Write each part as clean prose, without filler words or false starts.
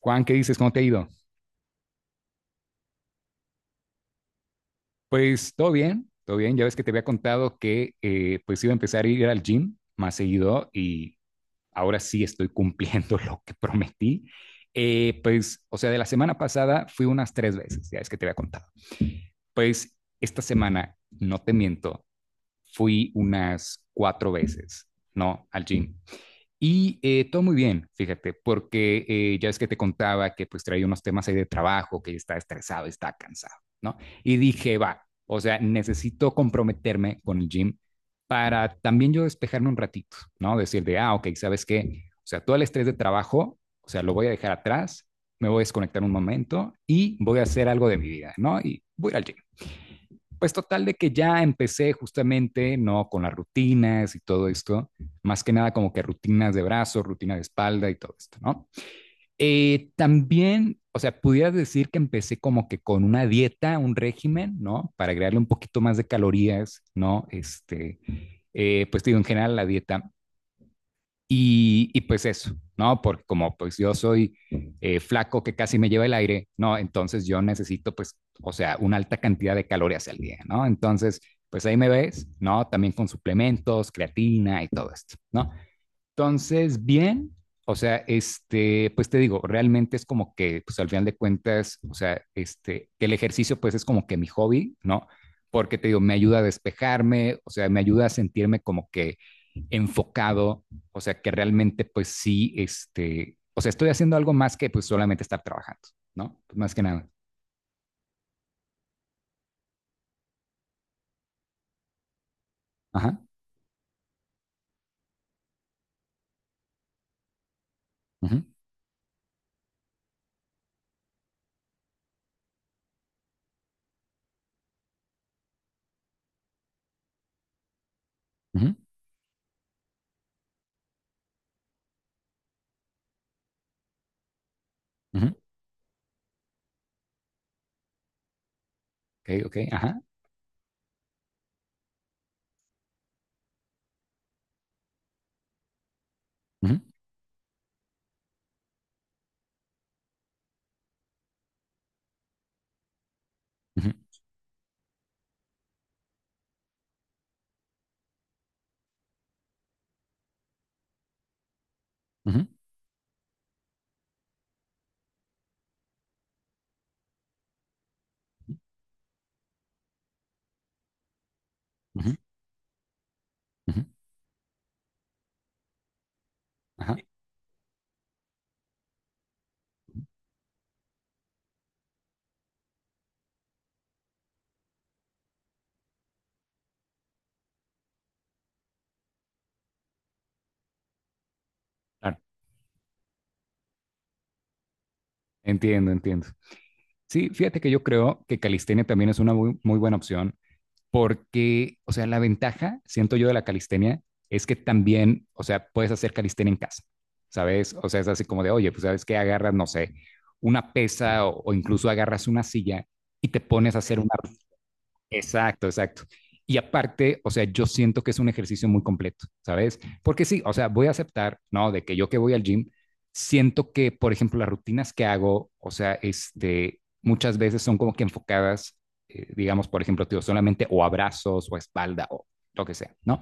Juan, ¿qué dices? ¿Cómo te ha ido? Pues todo bien, todo bien. Ya ves que te había contado que pues iba a empezar a ir al gym más seguido y ahora sí estoy cumpliendo lo que prometí. Pues, o sea, de la semana pasada fui unas tres veces, ya es que te había contado. Pues esta semana, no te miento, fui unas cuatro veces, ¿no? Al gym. Y todo muy bien, fíjate, porque ya es que te contaba que pues traía unos temas ahí de trabajo, que está estresado, está cansado, ¿no? Y dije, va, o sea, necesito comprometerme con el gym para también yo despejarme un ratito, ¿no? Decir de, ah, ok, ¿sabes qué? O sea, todo el estrés de trabajo, o sea, lo voy a dejar atrás, me voy a desconectar un momento y voy a hacer algo de mi vida, ¿no? Y voy al gym. Pues total de que ya empecé justamente, ¿no? Con las rutinas y todo esto, más que nada como que rutinas de brazos, rutina de espalda y todo esto, ¿no? También, o sea, pudieras decir que empecé como que con una dieta, un régimen, ¿no? Para agregarle un poquito más de calorías, ¿no? Este, pues digo, en general la dieta. Y pues eso, ¿no? Porque como pues yo soy flaco que casi me lleva el aire, ¿no? Entonces yo necesito pues, o sea, una alta cantidad de calorías al día, ¿no? Entonces, pues ahí me ves, ¿no? También con suplementos, creatina y todo esto, ¿no? Entonces, bien, o sea, este, pues te digo, realmente es como que, pues al final de cuentas, o sea, este, que el ejercicio pues es como que mi hobby, ¿no? Porque te digo, me ayuda a despejarme, o sea, me ayuda a sentirme como que enfocado, o sea, que realmente pues sí, este, o sea, estoy haciendo algo más que pues solamente estar trabajando, ¿no? Pues más que nada. Ajá. Ujú, ujú, ujú. Ok, ok, ajá. Ujú, ujú, ujú, ujú, ujú. Ajá. Claro. Entiendo, entiendo. Sí, fíjate que yo creo que calistenia también es una muy, muy buena opción porque, o sea, la ventaja, siento yo, de la calistenia es que también, o sea, puedes hacer calistenia en casa, ¿sabes? O sea, es así como de, oye, pues sabes que agarras, no sé, una pesa o incluso agarras una silla y te pones a hacer una. Exacto, exacto. Y aparte, o sea, yo siento que es un ejercicio muy completo, ¿sabes? Porque sí, o sea, voy a aceptar, ¿no? De que yo que voy al gym, siento que, por ejemplo, las rutinas que hago, o sea, este, muchas veces son como que enfocadas, digamos, por ejemplo, tío, solamente o abrazos o espalda o lo que sea, ¿no?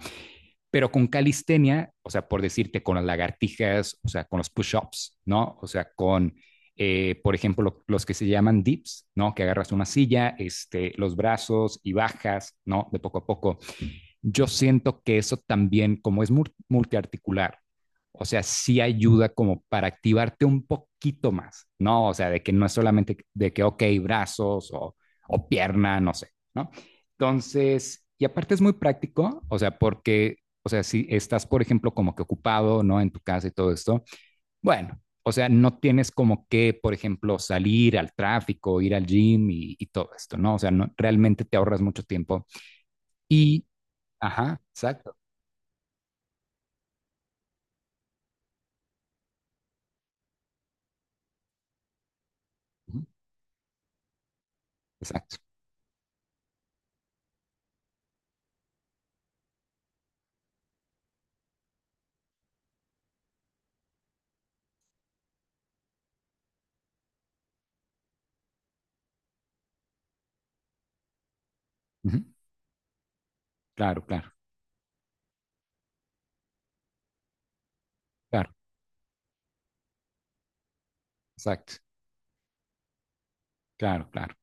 Pero con calistenia, o sea, por decirte, con las lagartijas, o sea, con los push-ups, ¿no? O sea, con, por ejemplo, los que se llaman dips, ¿no? Que agarras una silla, este, los brazos y bajas, ¿no? De poco a poco yo siento que eso también, como es multiarticular, o sea, sí ayuda como para activarte un poquito más, ¿no? O sea, de que no es solamente de que, ok, brazos o pierna, no sé, ¿no? Entonces, y aparte es muy práctico, o sea, porque, o sea, si estás, por ejemplo, como que ocupado, ¿no? En tu casa y todo esto, bueno, o sea, no tienes como que, por ejemplo, salir al tráfico, ir al gym y todo esto, ¿no? O sea, no, realmente te ahorras mucho tiempo. Y, ajá, exacto. Ujú. Exacto. Ujú. Claro, claro, claro, exacto. Claro, claro.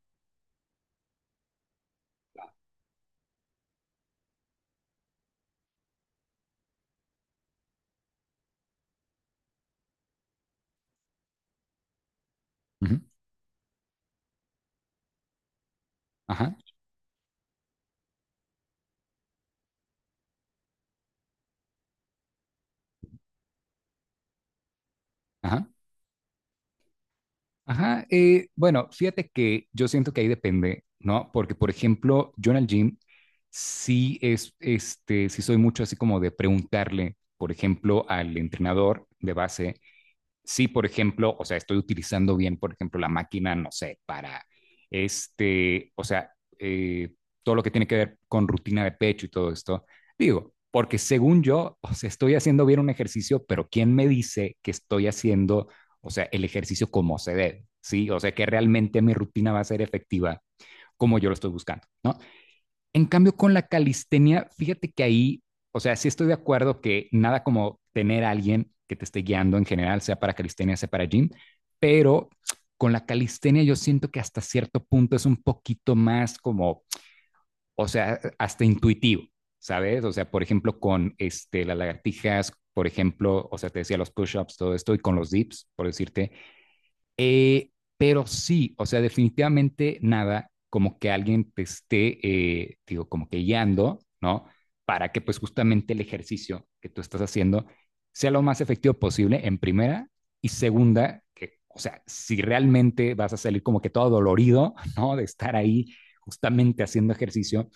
Ujú. Ajá, ajá, ajá. Bueno, fíjate que yo siento que ahí depende, ¿no? Porque, por ejemplo, yo en el gym sí es, este, sí soy mucho así como de preguntarle, por ejemplo, al entrenador de base, si, por ejemplo, o sea, estoy utilizando bien, por ejemplo, la máquina, no sé, para este, o sea, eh, todo lo que tiene que ver con rutina de pecho y todo esto, digo, porque según yo, o sea, estoy haciendo bien un ejercicio, pero ¿quién me dice que estoy haciendo, o sea, el ejercicio como se debe? Sí, o sea, que realmente mi rutina va a ser efectiva como yo lo estoy buscando, ¿no? En cambio, con la calistenia, fíjate que ahí, o sea, sí estoy de acuerdo que nada como tener a alguien que te esté guiando en general, sea para calistenia, sea para gym, pero con la calistenia yo siento que hasta cierto punto es un poquito más como, o sea, hasta intuitivo, ¿sabes? O sea, por ejemplo, con este, las lagartijas, por ejemplo, o sea, te decía los push-ups, todo esto, y con los dips, por decirte, eh, pero sí, o sea, definitivamente nada como que alguien te esté, digo, como que guiando, ¿no? Para que pues justamente el ejercicio que tú estás haciendo sea lo más efectivo posible en primera y segunda, que, o sea, si realmente vas a salir como que todo dolorido, ¿no? De estar ahí justamente haciendo ejercicio,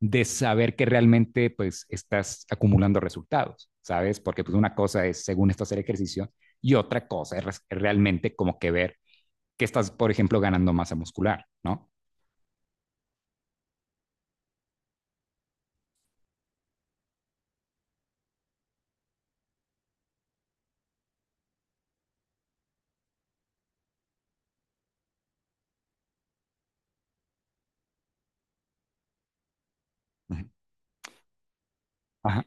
de saber que realmente pues estás acumulando resultados, ¿sabes? Porque pues una cosa es, según esto, hacer ejercicio y otra cosa es, realmente como que ver que estás, por ejemplo, ganando masa muscular, ¿no? Ajá.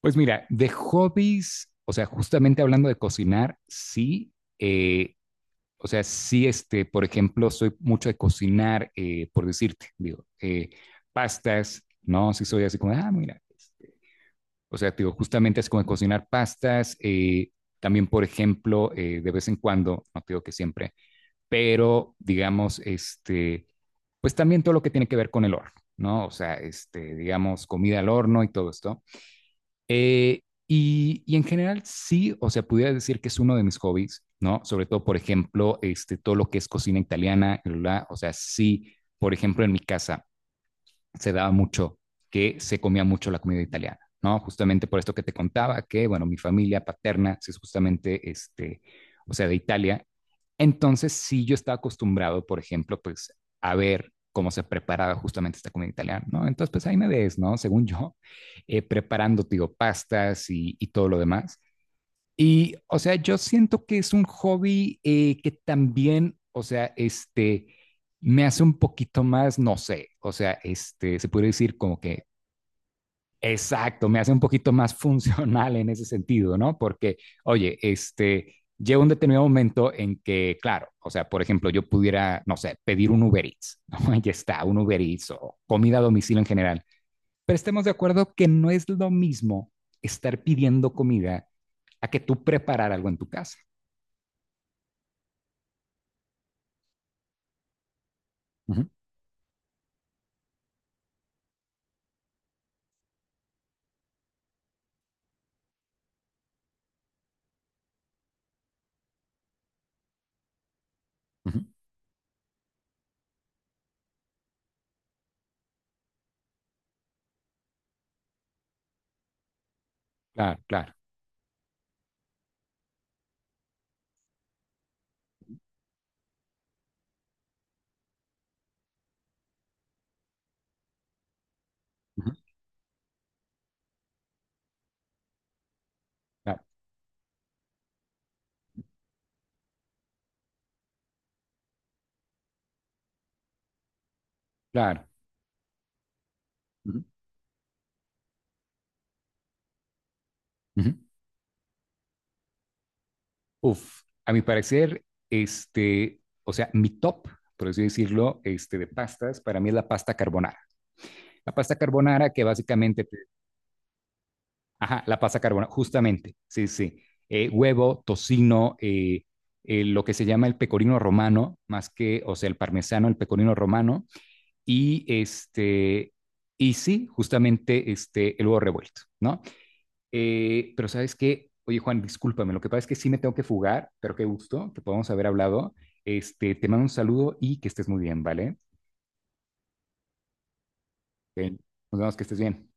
Pues mira, de hobbies, o sea, justamente hablando de cocinar, sí, eh, o sea, sí, este, por ejemplo, soy mucho de cocinar, por decirte, digo, pastas, ¿no? Sí soy así como, ah, mira, este, o sea, digo, justamente es como de cocinar pastas, también, por ejemplo, de vez en cuando, no digo que siempre, pero digamos, este, pues también todo lo que tiene que ver con el horno, ¿no? O sea, este, digamos, comida al horno y todo esto. Eh, y en general, sí, o sea, pudiera decir que es uno de mis hobbies, ¿no? Sobre todo, por ejemplo, este, todo lo que es cocina italiana, bla, bla, bla. O sea, sí, por ejemplo, en mi casa, se daba mucho que se comía mucho la comida italiana, ¿no? Justamente por esto que te contaba, que, bueno, mi familia paterna es justamente, este, o sea, de Italia. Entonces, sí, yo estaba acostumbrado, por ejemplo, pues, a ver cómo se preparaba justamente esta comida italiana, ¿no? Entonces, pues ahí me ves, ¿no? Según yo, preparando, digo, pastas y todo lo demás. Y, o sea, yo siento que es un hobby que también, o sea, este, me hace un poquito más, no sé, o sea, este, se puede decir como que, exacto, me hace un poquito más funcional en ese sentido, ¿no? Porque, oye, este, llega un determinado momento en que, claro, o sea, por ejemplo, yo pudiera, no sé, pedir un Uber Eats, ¿no? Ya está, un Uber Eats o comida a domicilio en general. Pero estemos de acuerdo que no es lo mismo estar pidiendo comida a que tú preparar algo en tu casa. Ujú, ujú. Claro, claro, ujú, claro, claro. Ujú, ujú. Uf, a mi parecer, este, o sea, mi top, por así decirlo, este, de pastas, para mí es la pasta carbonara. La pasta carbonara que básicamente, te- ajá, la pasta carbonara, justamente, sí, sí. Huevo, tocino, lo que se llama el pecorino romano, más que, o sea, el parmesano, el pecorino romano, y este, y sí, justamente este, el huevo revuelto, ¿no? Pero sabes qué, oye Juan, discúlpame, lo que pasa es que sí me tengo que fugar, pero qué gusto que podamos haber hablado. Este, te mando un saludo y que estés muy bien, ¿vale? Ok, nos vemos, que estés bien.